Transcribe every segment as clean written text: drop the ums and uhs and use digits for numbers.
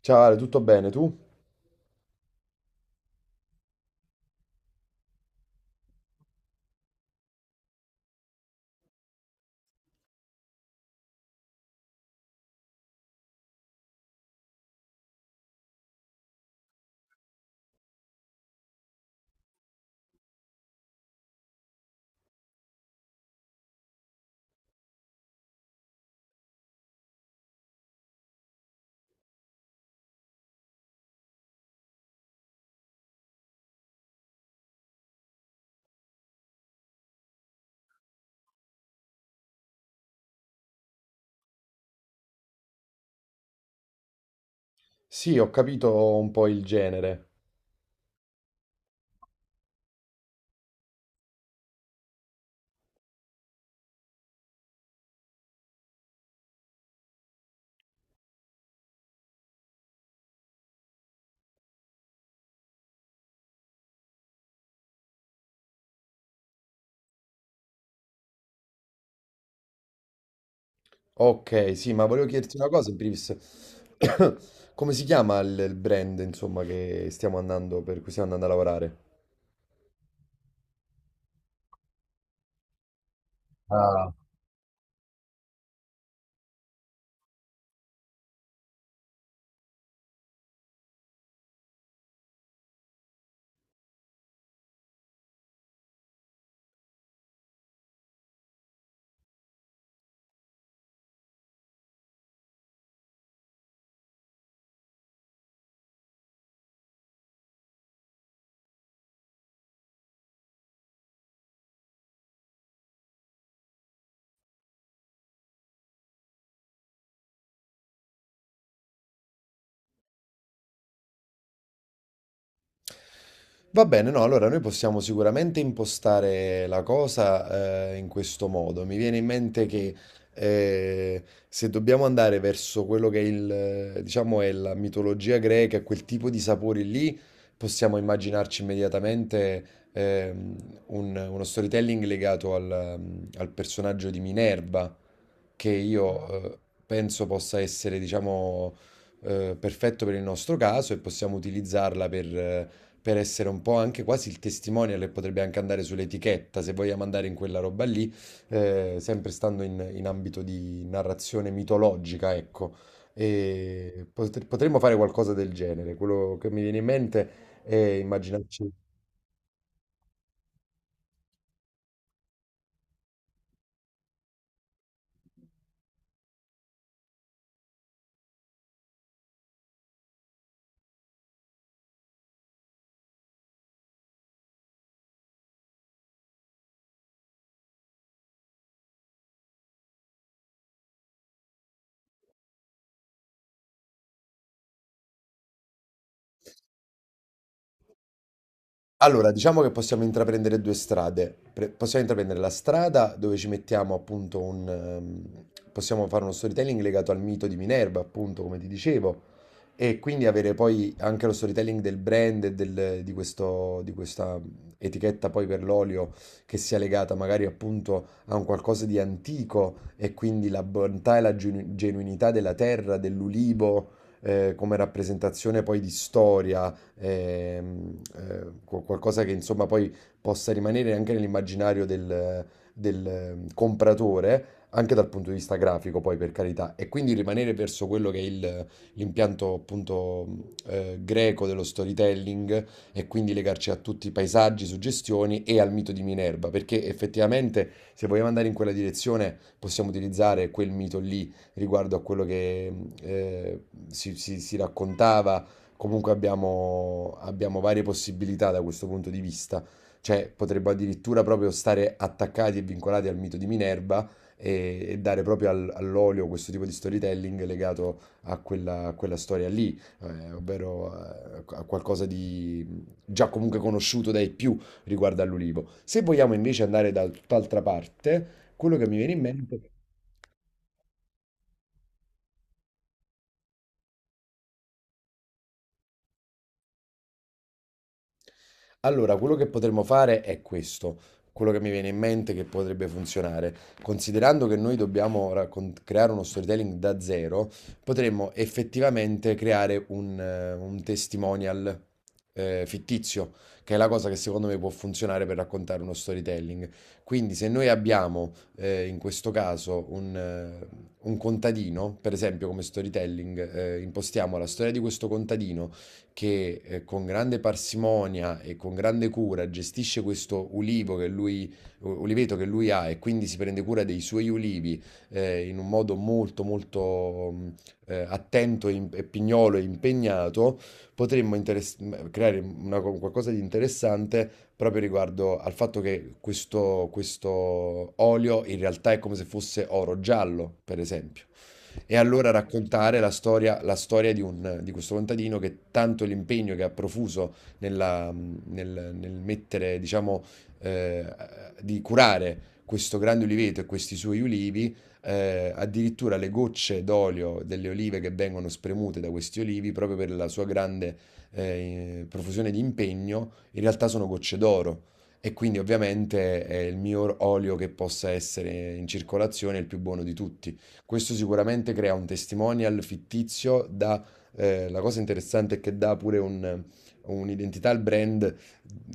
Ciao Ale, tutto bene tu? Sì, ho capito un po' il genere. Ok, sì, ma volevo chiederti una cosa, in primis. Come si chiama il brand, insomma, che stiamo andando, per cui stiamo andando a lavorare? Ah. Va bene, no, allora noi possiamo sicuramente impostare la cosa, in questo modo. Mi viene in mente che se dobbiamo andare verso quello che è la mitologia greca, quel tipo di sapori lì, possiamo immaginarci immediatamente ehm, uno storytelling legato al personaggio di Minerva, che io penso possa essere, diciamo, perfetto per il nostro caso e possiamo utilizzarla per essere un po' anche quasi il testimonial e potrebbe anche andare sull'etichetta se vogliamo andare in quella roba lì, sempre stando in ambito di narrazione mitologica, ecco. E potremmo fare qualcosa del genere. Quello che mi viene in mente è immaginarci. Allora, diciamo che possiamo intraprendere due strade. Possiamo intraprendere la strada dove ci mettiamo appunto un... possiamo fare uno storytelling legato al mito di Minerva, appunto, come ti dicevo, e quindi avere poi anche lo storytelling del brand e di questa etichetta poi per l'olio che sia legata magari appunto a un qualcosa di antico e quindi la bontà e la genuinità della terra, dell'ulivo, come rappresentazione poi di storia qualcosa che insomma poi possa rimanere anche nell'immaginario del, compratore, anche dal punto di vista grafico, poi per carità, e quindi rimanere verso quello che è l'impianto appunto greco dello storytelling e quindi legarci a tutti i paesaggi, suggestioni e al mito di Minerva, perché effettivamente se vogliamo andare in quella direzione possiamo utilizzare quel mito lì riguardo a quello che eh, si raccontava. Comunque abbiamo varie possibilità da questo punto di vista. Cioè, potremmo addirittura proprio stare attaccati e vincolati al mito di Minerva e dare proprio all'olio questo tipo di storytelling legato a a quella storia lì, ovvero a qualcosa di già comunque conosciuto dai più riguardo all'ulivo. Se vogliamo invece andare da tutt'altra parte, quello che mi viene in mente... Allora, quello che potremmo fare è questo, quello che mi viene in mente che potrebbe funzionare. Considerando che noi dobbiamo creare uno storytelling da zero, potremmo effettivamente creare un testimonial fittizio, che è la cosa che secondo me può funzionare per raccontare uno storytelling. Quindi se noi abbiamo in questo caso un contadino, per esempio come storytelling, impostiamo la storia di questo contadino che con grande parsimonia e con grande cura gestisce questo ulivo che lui, uliveto che lui ha e quindi si prende cura dei suoi ulivi in un modo molto molto attento e pignolo e impegnato, potremmo creare qualcosa di interessante proprio riguardo al fatto che questo olio in realtà è come se fosse oro giallo, per esempio, e allora raccontare la storia di di questo contadino che tanto l'impegno che ha profuso nel mettere, diciamo, eh, di curare questo grande uliveto e questi suoi ulivi, addirittura le gocce d'olio delle olive che vengono spremute da questi olivi, proprio per la sua grande profusione di impegno, in realtà sono gocce d'oro. E quindi ovviamente è il miglior olio che possa essere in circolazione, il più buono di tutti. Questo sicuramente crea un testimonial fittizio, dà, la cosa interessante è che dà pure un'identità al brand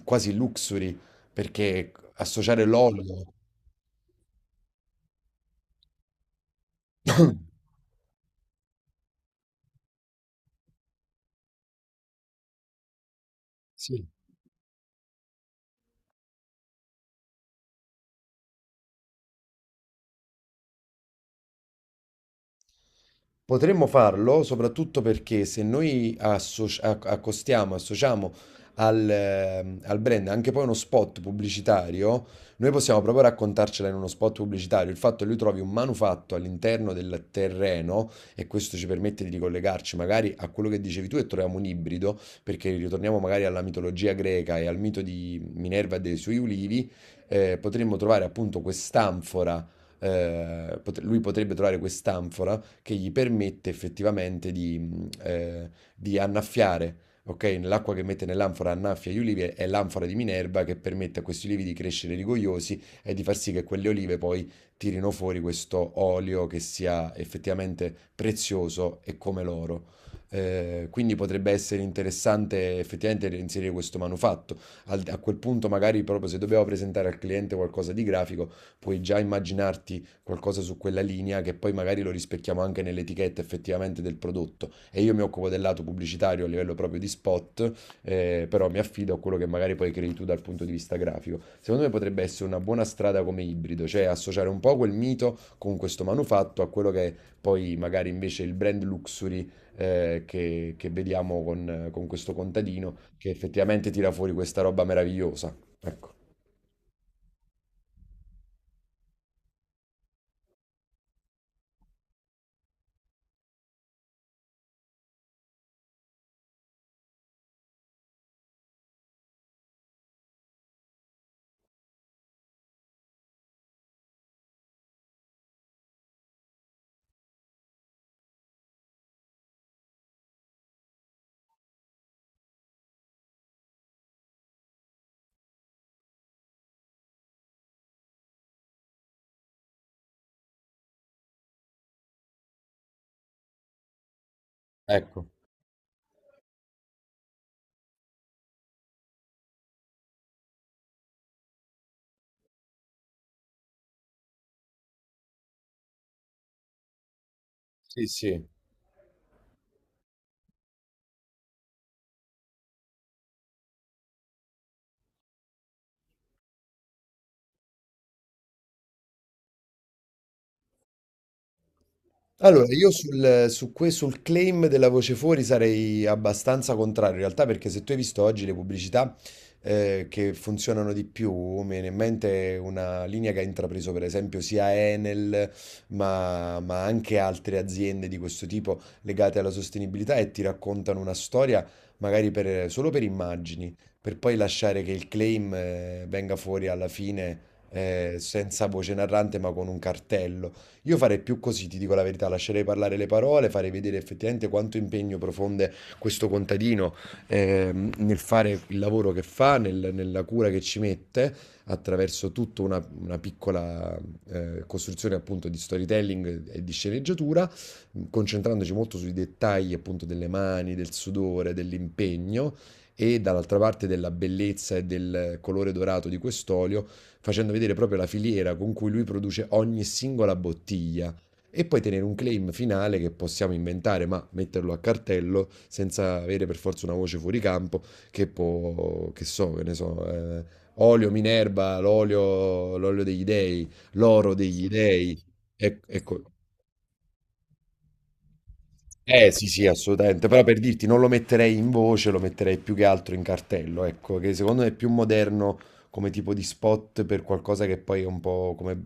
quasi luxury, perché associare l'olio... Sì. Potremmo farlo soprattutto perché se noi accostiamo, associamo al brand anche poi uno spot pubblicitario, noi possiamo proprio raccontarcela in uno spot pubblicitario. Il fatto che lui trovi un manufatto all'interno del terreno e questo ci permette di ricollegarci magari a quello che dicevi tu e troviamo un ibrido, perché ritorniamo magari alla mitologia greca e al mito di Minerva e dei suoi ulivi, potremmo trovare appunto quest'anfora, lui potrebbe trovare quest'anfora che gli permette effettivamente di annaffiare. Ok, l'acqua che mette nell'anfora annaffia gli ulivi, è l'anfora di Minerva che permette a questi ulivi di crescere rigogliosi e di far sì che quelle olive poi tirino fuori questo olio che sia effettivamente prezioso e come l'oro. Quindi potrebbe essere interessante effettivamente inserire questo manufatto. A quel punto, magari proprio se dobbiamo presentare al cliente qualcosa di grafico, puoi già immaginarti qualcosa su quella linea che poi magari lo rispecchiamo anche nell'etichetta effettivamente del prodotto. E io mi occupo del lato pubblicitario a livello proprio di spot, però mi affido a quello che magari poi crei tu dal punto di vista grafico. Secondo me potrebbe essere una buona strada come ibrido, cioè associare un po' quel mito con questo manufatto a quello che è poi magari invece il brand luxury che vediamo con questo contadino che effettivamente tira fuori questa roba meravigliosa. Ecco. Ecco, sì, sì. Allora, io sul claim della voce fuori sarei abbastanza contrario, in realtà perché se tu hai visto oggi le pubblicità che funzionano di più, mi viene in mente una linea che ha intrapreso per esempio sia Enel, ma anche altre aziende di questo tipo legate alla sostenibilità, e ti raccontano una storia magari solo per immagini, per poi lasciare che il claim venga fuori alla fine senza voce narrante ma con un cartello. Io farei più così, ti dico la verità, lascerei parlare le parole, farei vedere effettivamente quanto impegno profonde questo contadino nel fare il lavoro che fa, nella cura che ci mette, attraverso tutta una piccola costruzione appunto di storytelling e di sceneggiatura, concentrandoci molto sui dettagli appunto delle mani, del sudore, dell'impegno, e dall'altra parte della bellezza e del colore dorato di quest'olio, facendo vedere proprio la filiera con cui lui produce ogni singola bottiglia. E poi tenere un claim finale che possiamo inventare, ma metterlo a cartello senza avere per forza una voce fuori campo che può, che so, che ne so, olio Minerva, l'olio, l'olio degli dei, l'oro degli dei. Ecco, eh sì, sì, assolutamente, però per dirti non lo metterei in voce, lo metterei più che altro in cartello, ecco, che secondo me è più moderno come tipo di spot per qualcosa che poi è un po' come,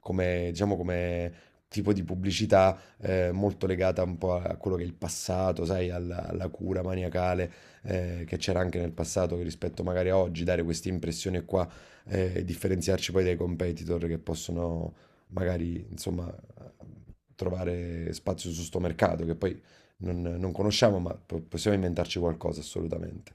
come, diciamo, come tipo di pubblicità molto legata un po' a quello che è il passato, sai, alla cura maniacale che c'era anche nel passato, che rispetto magari a oggi, dare queste impressioni qua, e differenziarci poi dai competitor che possono magari, insomma, trovare spazio su sto mercato, che poi non conosciamo, ma possiamo inventarci qualcosa assolutamente.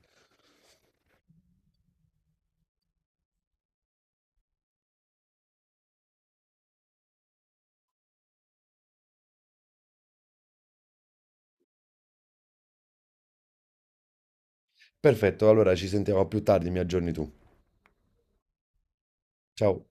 Perfetto, allora ci sentiamo più tardi, mi aggiorni tu. Ciao.